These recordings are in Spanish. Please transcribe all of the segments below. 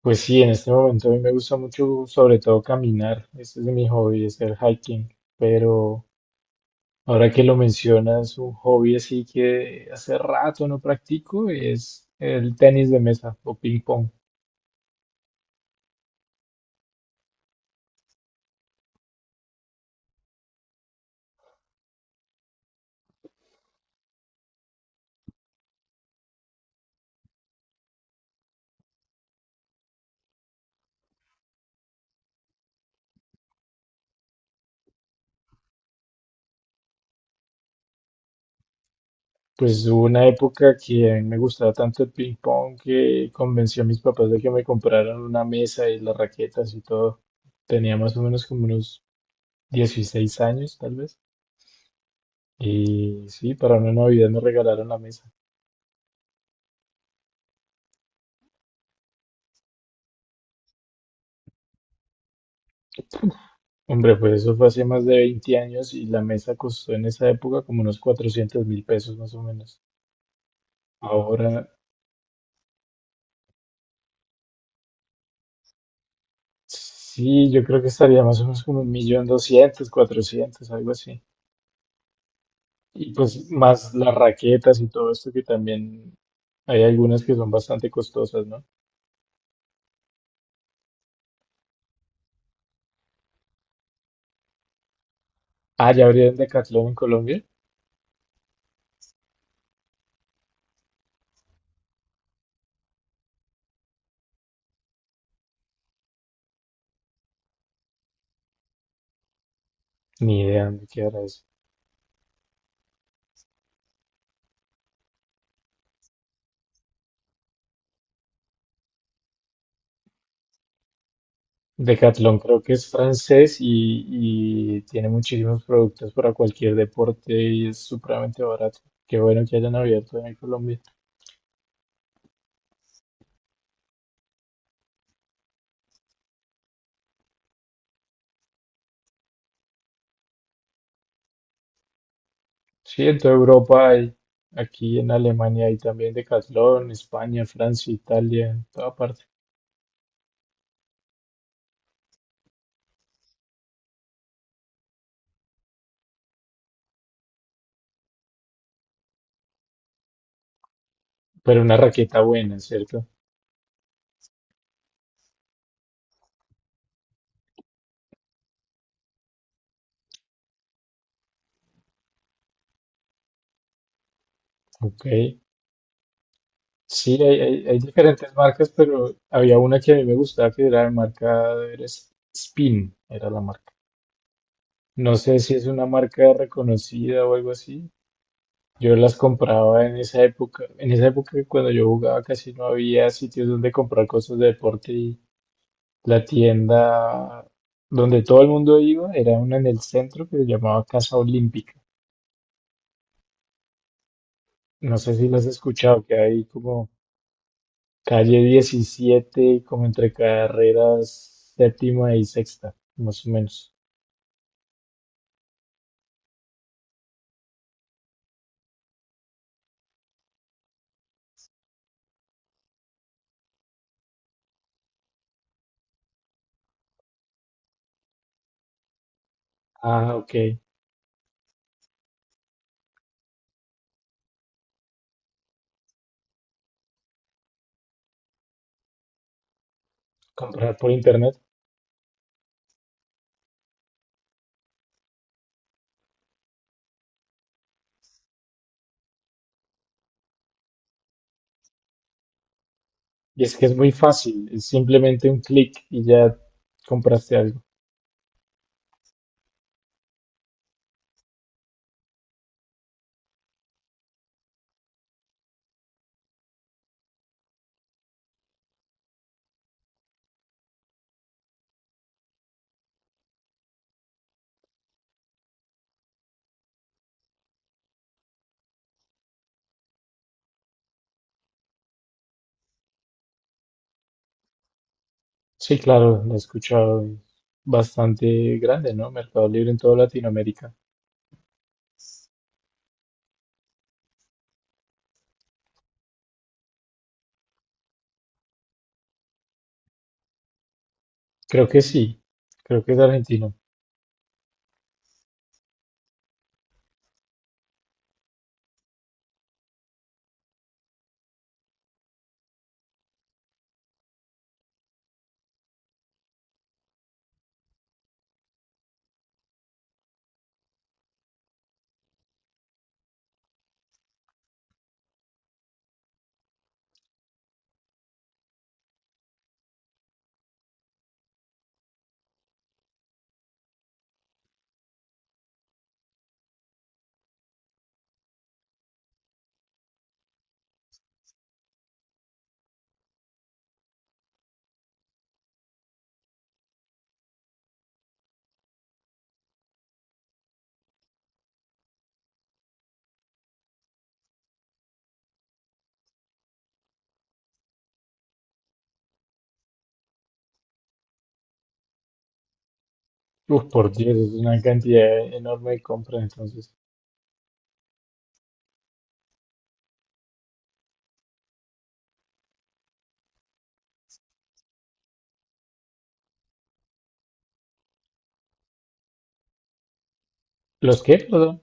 Pues sí, en este momento a mí me gusta mucho, sobre todo caminar. Este es mi hobby, hacer hiking. Pero ahora que lo mencionas, un hobby así que hace rato no practico es el tenis de mesa o ping pong. Pues hubo una época que a mí me gustaba tanto el ping pong que convencí a mis papás de que me compraran una mesa y las raquetas y todo. Tenía más o menos como unos 16 años, tal vez. Y sí, para una Navidad me regalaron la mesa. Hombre, pues eso fue hace más de 20 años y la mesa costó en esa época como unos 400.000 pesos más o menos. Ahora, sí, yo creo que estaría más o menos como 1.200.000, 400.000, algo así. Y pues más las raquetas y todo esto que también hay algunas que son bastante costosas, ¿no? Ah, ¿ya abrieron Decathlon en Colombia? Ni idea dónde quedará eso. Decathlon creo que es francés y tiene muchísimos productos para cualquier deporte y es supremamente barato. Qué bueno que hayan abierto en Colombia. Sí, en toda Europa hay, aquí en Alemania hay también Decathlon, España, Francia, Italia, en toda parte. Pero una raqueta buena, ¿cierto? Ok. Sí, hay diferentes marcas, pero había una que a mí me gustaba que era de marca, era Spin, era la marca. No sé si es una marca reconocida o algo así. Yo las compraba en esa época. En esa época cuando yo jugaba casi no había sitios donde comprar cosas de deporte y la tienda donde todo el mundo iba era una en el centro que se llamaba Casa Olímpica. No sé si las has escuchado, que hay como calle 17, como entre carreras séptima y sexta, más o menos. Ah, ok. Comprar por internet. Y es que es muy fácil, es simplemente un clic y ya compraste algo. Sí, claro, lo he escuchado. Es bastante grande, ¿no? Mercado Libre en toda Latinoamérica. Creo que sí. Creo que es argentino. Uf, por Dios, es una cantidad enorme de compras, entonces. ¿Los qué, perdón?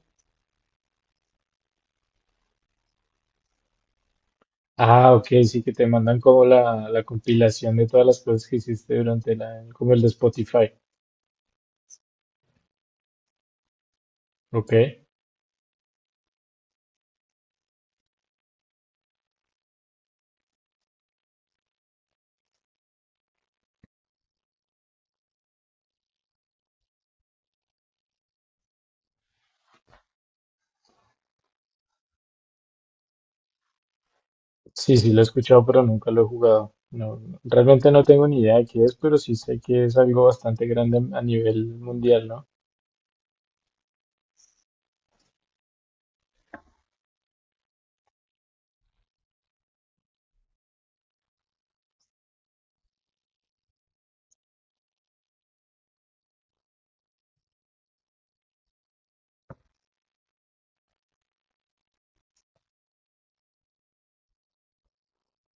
Ah, ok, sí, que te mandan como la compilación de todas las cosas que hiciste durante la, como el de Spotify. Ok. Sí, sí, lo he escuchado, pero nunca lo he jugado. No, realmente no tengo ni idea de qué es, pero sí sé que es algo bastante grande a nivel mundial, ¿no?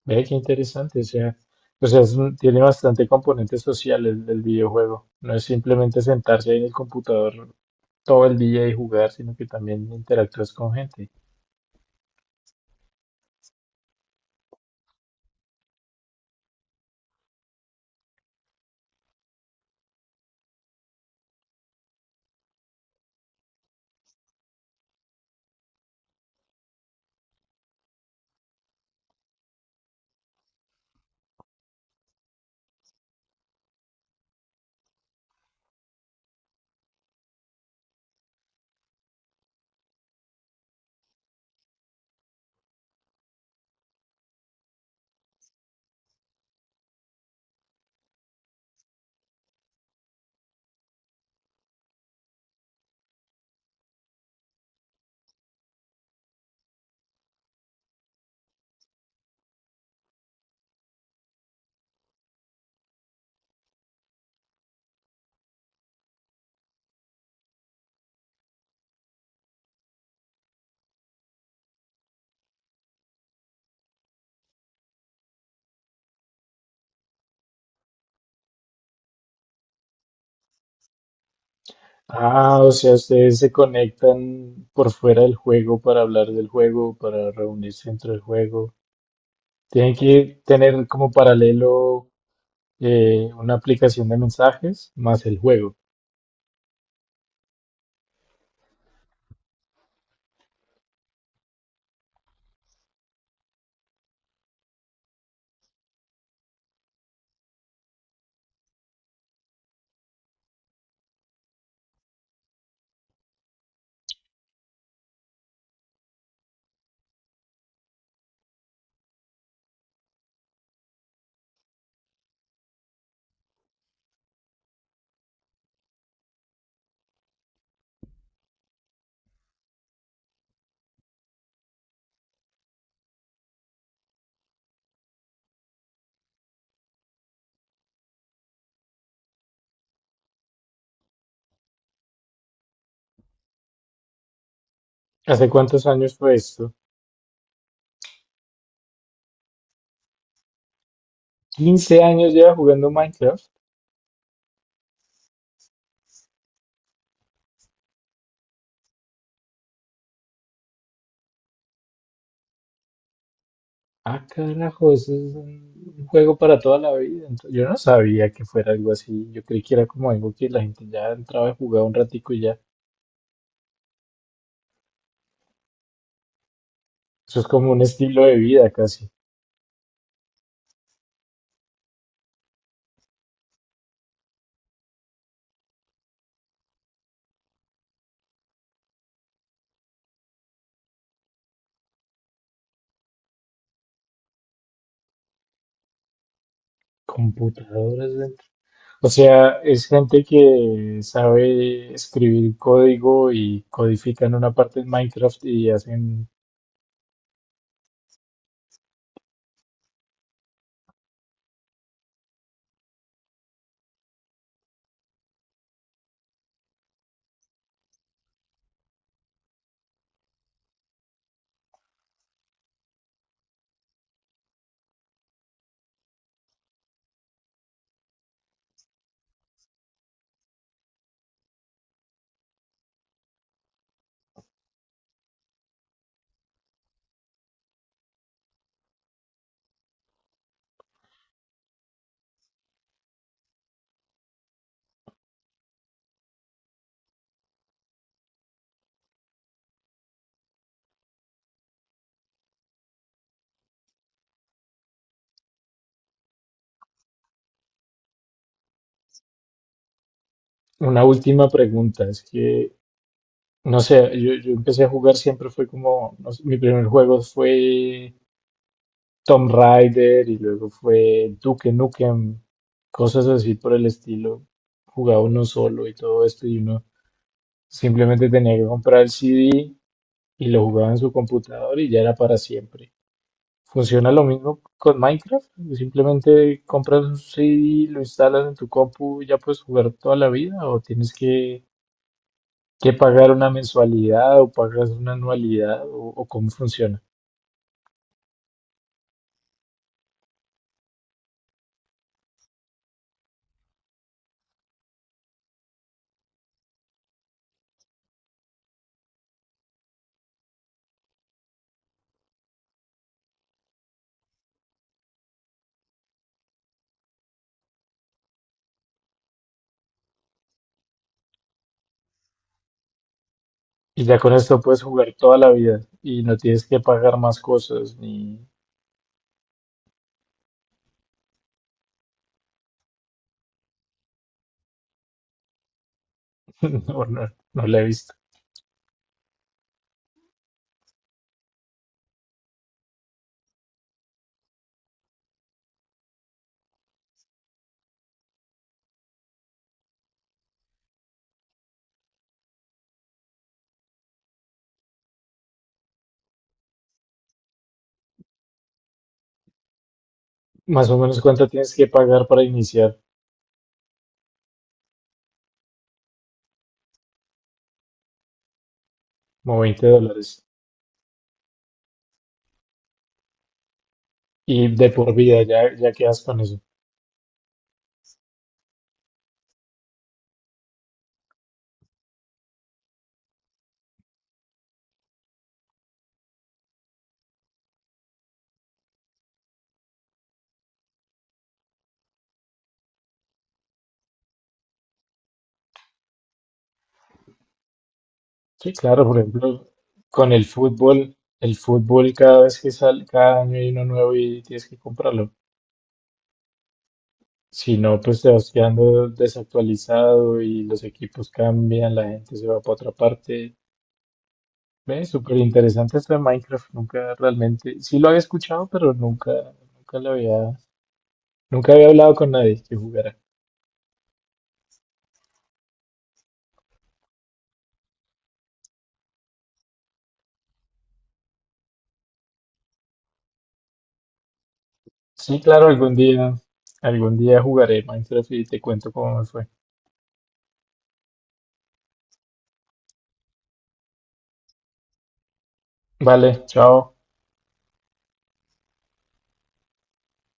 Ve qué interesante, o sea, tiene bastante componente social el videojuego. No es simplemente sentarse ahí en el computador todo el día y jugar, sino que también interactúas con gente. Ah, o sea, ustedes se conectan por fuera del juego para hablar del juego, para reunirse dentro del juego. Tienen que tener como paralelo una aplicación de mensajes más el juego. ¿Hace cuántos años fue esto? 15 años lleva jugando Minecraft. Ah, carajo, eso es un juego para toda la vida. Yo no sabía que fuera algo así. Yo creí que era como algo que la gente ya entraba y jugaba un ratico y ya. Eso es como un estilo de vida casi. Computadoras dentro. O sea, es gente que sabe escribir código y codifican una parte en Minecraft y hacen una última pregunta. Es que, no sé, yo empecé a jugar, siempre fue como, no sé, mi primer juego fue Tom Raider y luego fue Duke Nukem, cosas así por el estilo. Jugaba uno solo y todo esto y uno simplemente tenía que comprar el CD y lo jugaba en su computador y ya era para siempre. Funciona lo mismo con Minecraft, simplemente compras un CD, lo instalas en tu compu y ya puedes jugar toda la vida o tienes que pagar una mensualidad o pagas una anualidad o cómo funciona. Y ya con esto puedes jugar toda la vida y no tienes que pagar más cosas, ni... No, no, no la he visto. Más o menos cuánto tienes que pagar para iniciar, como 20 dólares. Y de por vida ya, ya quedas con eso. Sí, claro, por ejemplo, con el fútbol cada vez que sale, cada año hay uno nuevo y tienes que comprarlo. Si no, pues te vas quedando desactualizado y los equipos cambian, la gente se va para otra parte. Ve, súper interesante esto de Minecraft. Nunca realmente, sí lo había escuchado, pero nunca, nunca lo había, nunca había hablado con nadie que jugara. Sí, claro, algún día jugaré Minecraft y te cuento cómo me fue. Vale, chao.